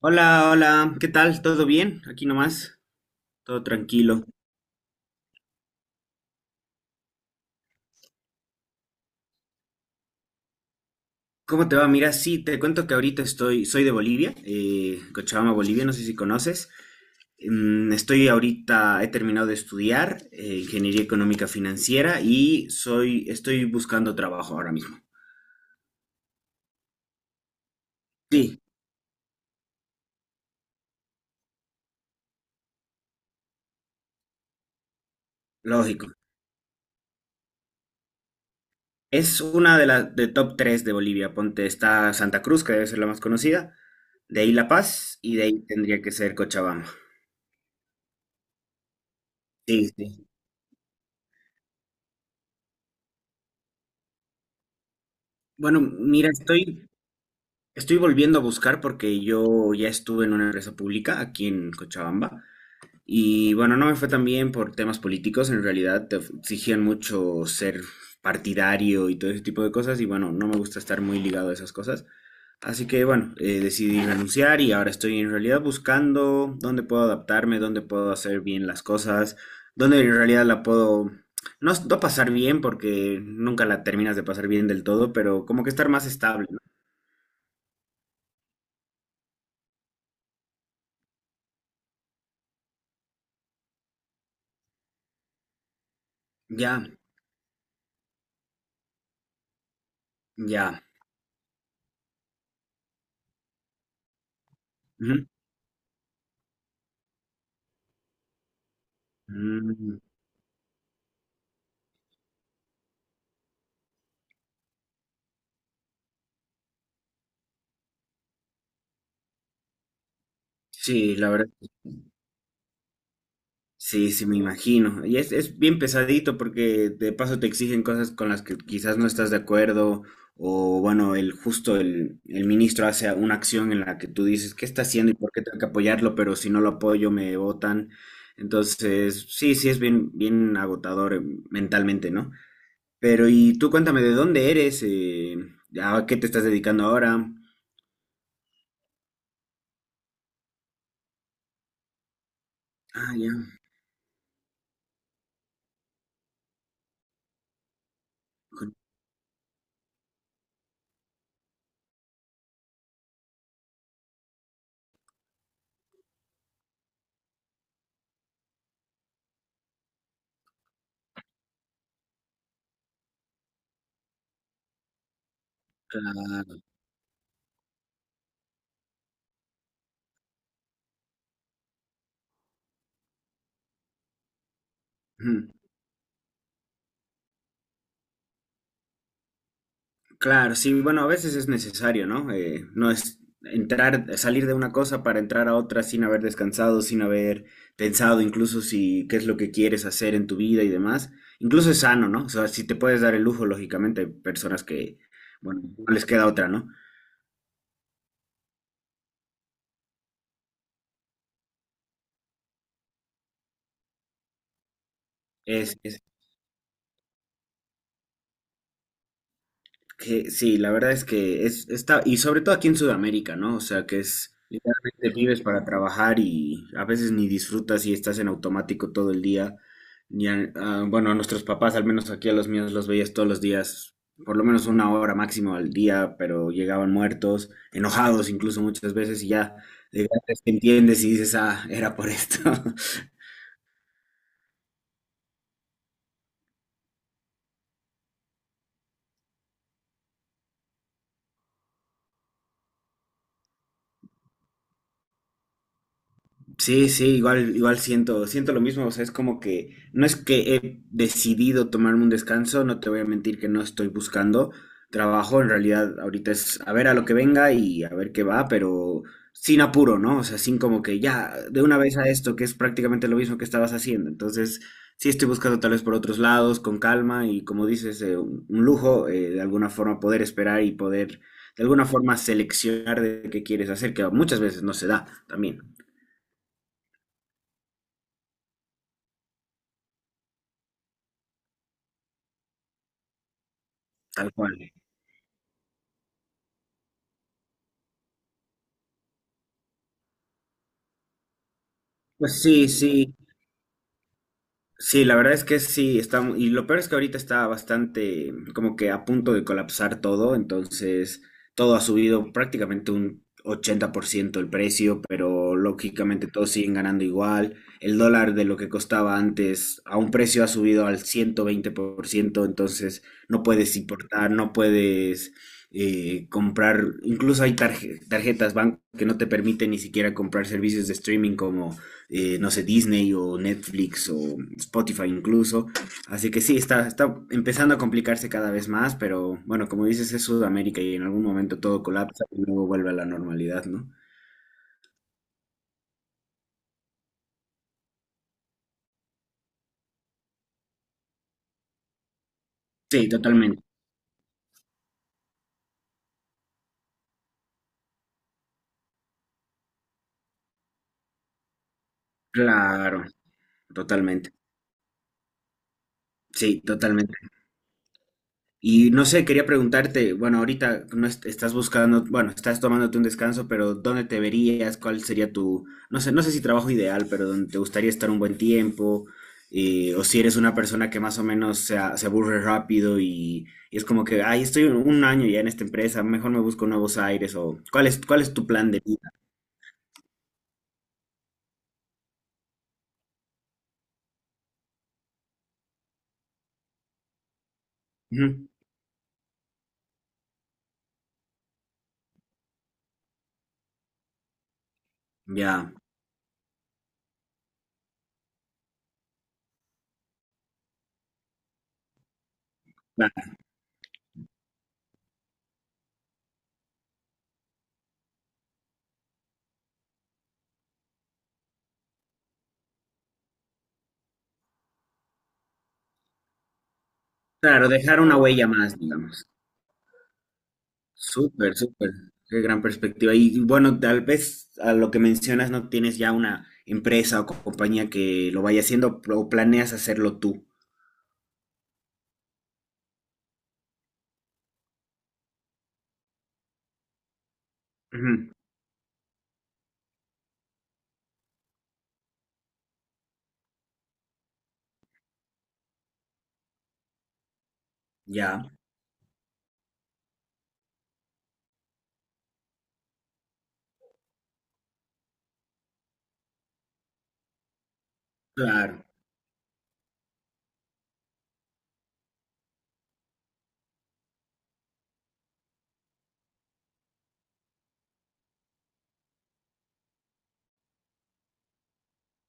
Hola, hola, ¿qué tal? ¿Todo bien? Aquí nomás, todo tranquilo. ¿Cómo te va? Mira, sí, te cuento que ahorita estoy, soy de Bolivia, Cochabamba, Bolivia, no sé si conoces. Estoy ahorita, he terminado de estudiar Ingeniería Económica Financiera y soy, estoy buscando trabajo ahora mismo. Sí, lógico. Es una de las de top 3 de Bolivia. Ponte, está Santa Cruz, que debe ser la más conocida, de ahí La Paz y de ahí tendría que ser Cochabamba. Sí, sí. Bueno, mira, estoy, estoy volviendo a buscar porque yo ya estuve en una empresa pública aquí en Cochabamba y bueno, no me fue tan bien por temas políticos, en realidad te exigían mucho ser partidario y todo ese tipo de cosas y bueno, no me gusta estar muy ligado a esas cosas. Así que bueno, decidí renunciar y ahora estoy en realidad buscando dónde puedo adaptarme, dónde puedo hacer bien las cosas, dónde en realidad la puedo no, no pasar bien porque nunca la terminas de pasar bien del todo, pero como que estar más estable, ¿no? Ya, ya. Ujú. Mm, sí, la verdad, sí, sí, me imagino. Y es bien pesadito porque de paso te exigen cosas con las que quizás no estás de acuerdo o bueno, el justo el ministro hace una acción en la que tú dices, ¿qué está haciendo y por qué tengo que apoyarlo? Pero si no lo apoyo me votan. Entonces, sí, sí, es bien, bien agotador mentalmente, ¿no? Pero y tú cuéntame, ¿de dónde eres? ¿A qué te estás dedicando ahora? Ah, ya. Claro. Claro, sí, bueno, a veces es necesario, ¿no? No es entrar, salir de una cosa para entrar a otra sin haber descansado, sin haber pensado incluso si qué es lo que quieres hacer en tu vida y demás. Incluso es sano, ¿no? O sea, si te puedes dar el lujo, lógicamente, hay personas que, bueno, no les queda otra, ¿no? Es que sí, la verdad es que es, está, y sobre todo aquí en Sudamérica, ¿no? O sea, que es... Te vives para trabajar y a veces ni disfrutas y estás en automático todo el día. Y a- bueno, a nuestros papás, al menos aquí a los míos, los veías todos los días, por lo menos una hora máximo al día, pero llegaban muertos, enojados incluso muchas veces y ya de grandes te entiendes y dices, ah, era por esto. Sí, sí, igual, igual siento, siento lo mismo, o sea, es como que no es que he decidido tomarme un descanso, no te voy a mentir que no estoy buscando trabajo, en realidad ahorita es a ver a lo que venga y a ver qué va, pero sin apuro, ¿no? O sea, sin como que ya de una vez a esto, que es prácticamente lo mismo que estabas haciendo, entonces sí estoy buscando tal vez por otros lados, con calma y como dices, un lujo, de alguna forma poder esperar y poder de alguna forma seleccionar de qué quieres hacer, que muchas veces no se da también, tal cual. Pues sí, sí, sí, la verdad es que sí, está, mu- y lo peor es que ahorita está bastante como que a punto de colapsar todo, entonces todo ha subido prácticamente un 80% el precio, pero lógicamente todos siguen ganando igual, el dólar de lo que costaba antes a un precio ha subido al 120%. Entonces no puedes importar, no puedes comprar, incluso hay tarje- tarjetas banco que no te permiten ni siquiera comprar servicios de streaming como no sé, Disney o Netflix o Spotify incluso. Así que sí, está, está empezando a complicarse cada vez más, pero bueno, como dices, es Sudamérica y en algún momento todo colapsa y luego vuelve a la normalidad, ¿no? Sí, totalmente. Claro, totalmente. Sí, totalmente. Y no sé, quería preguntarte, bueno, ahorita no est- estás buscando, bueno, estás tomándote un descanso, pero ¿dónde te verías? ¿Cuál sería tu, no sé, no sé si trabajo ideal, pero dónde te gustaría estar un buen tiempo? ¿O si eres una persona que más o menos se, a- se aburre rápido y es como que, ay, estoy un año ya en esta empresa, mejor me busco nuevos aires? O cuál es tu plan de vida? Ujú, ya, claro, dejar una huella más, digamos. Súper, súper. Qué gran perspectiva. Y bueno, tal vez a lo que mencionas no tienes ya una empresa o co- compañía que lo vaya haciendo o planeas hacerlo tú. Ujú. Ya, claro,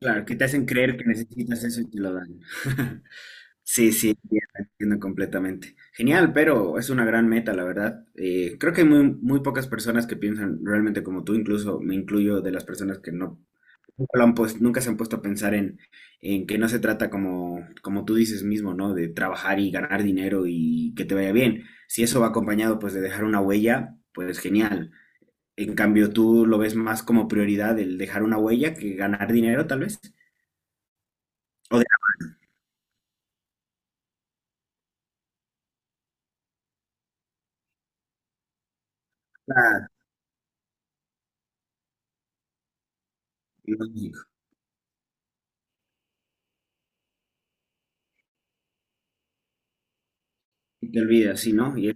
claro, que te hacen creer que necesitas eso y te lo dan. Sí, sí, entiendo, entiendo completamente. Genial, pero es una gran meta, la verdad. Creo que hay muy, muy pocas personas que piensan realmente como tú, incluso me incluyo de las personas que no lo han pues, nunca se han puesto a pensar en que no se trata como, como tú dices mismo, ¿no? De trabajar y ganar dinero y que te vaya bien. Si eso va acompañado pues de dejar una huella, pues genial. En cambio, tú lo ves más como prioridad el dejar una huella que ganar dinero, tal vez. O de hablar, lógico, y te olvidas, ¿sí, no? Y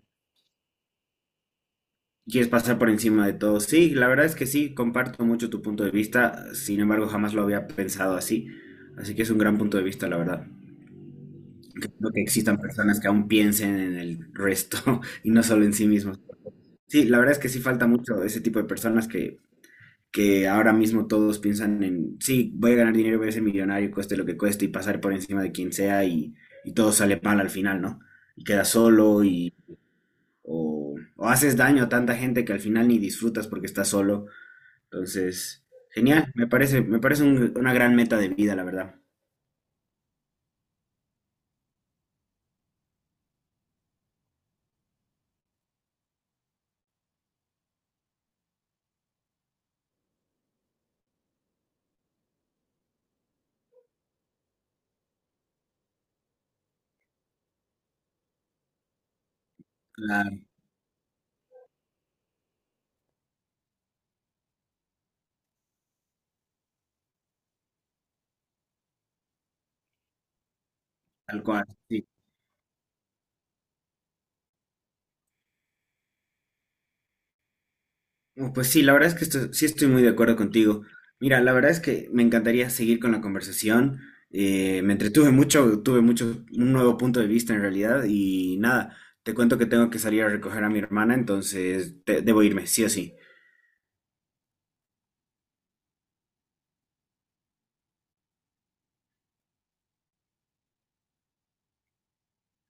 quieres pasar por encima de todo. Sí, la verdad es que sí, comparto mucho tu punto de vista. Sin embargo, jamás lo había pensado así. Así que es un gran punto de vista, la verdad. Creo que existan personas que aún piensen en el resto y no solo en sí mismos. Sí, la verdad es que sí falta mucho de ese tipo de personas que ahora mismo todos piensan en, sí, voy a ganar dinero, voy a ser millonario, cueste lo que cueste y pasar por encima de quien sea y todo sale mal al final, ¿no? Y quedas solo o haces daño a tanta gente que al final ni disfrutas porque estás solo. Entonces, genial, me parece un- una gran meta de vida, la verdad. Claro, tal cual, sí. No, pues sí, la verdad es que esto- sí estoy muy de acuerdo contigo. Mira, la verdad es que me encantaría seguir con la conversación. Me entretuve mucho, tuve mucho, un nuevo punto de vista en realidad y nada, te cuento que tengo que salir a recoger a mi hermana, entonces te- debo irme, sí o sí.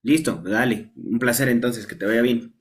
Listo, dale, un placer entonces, que te vaya bien.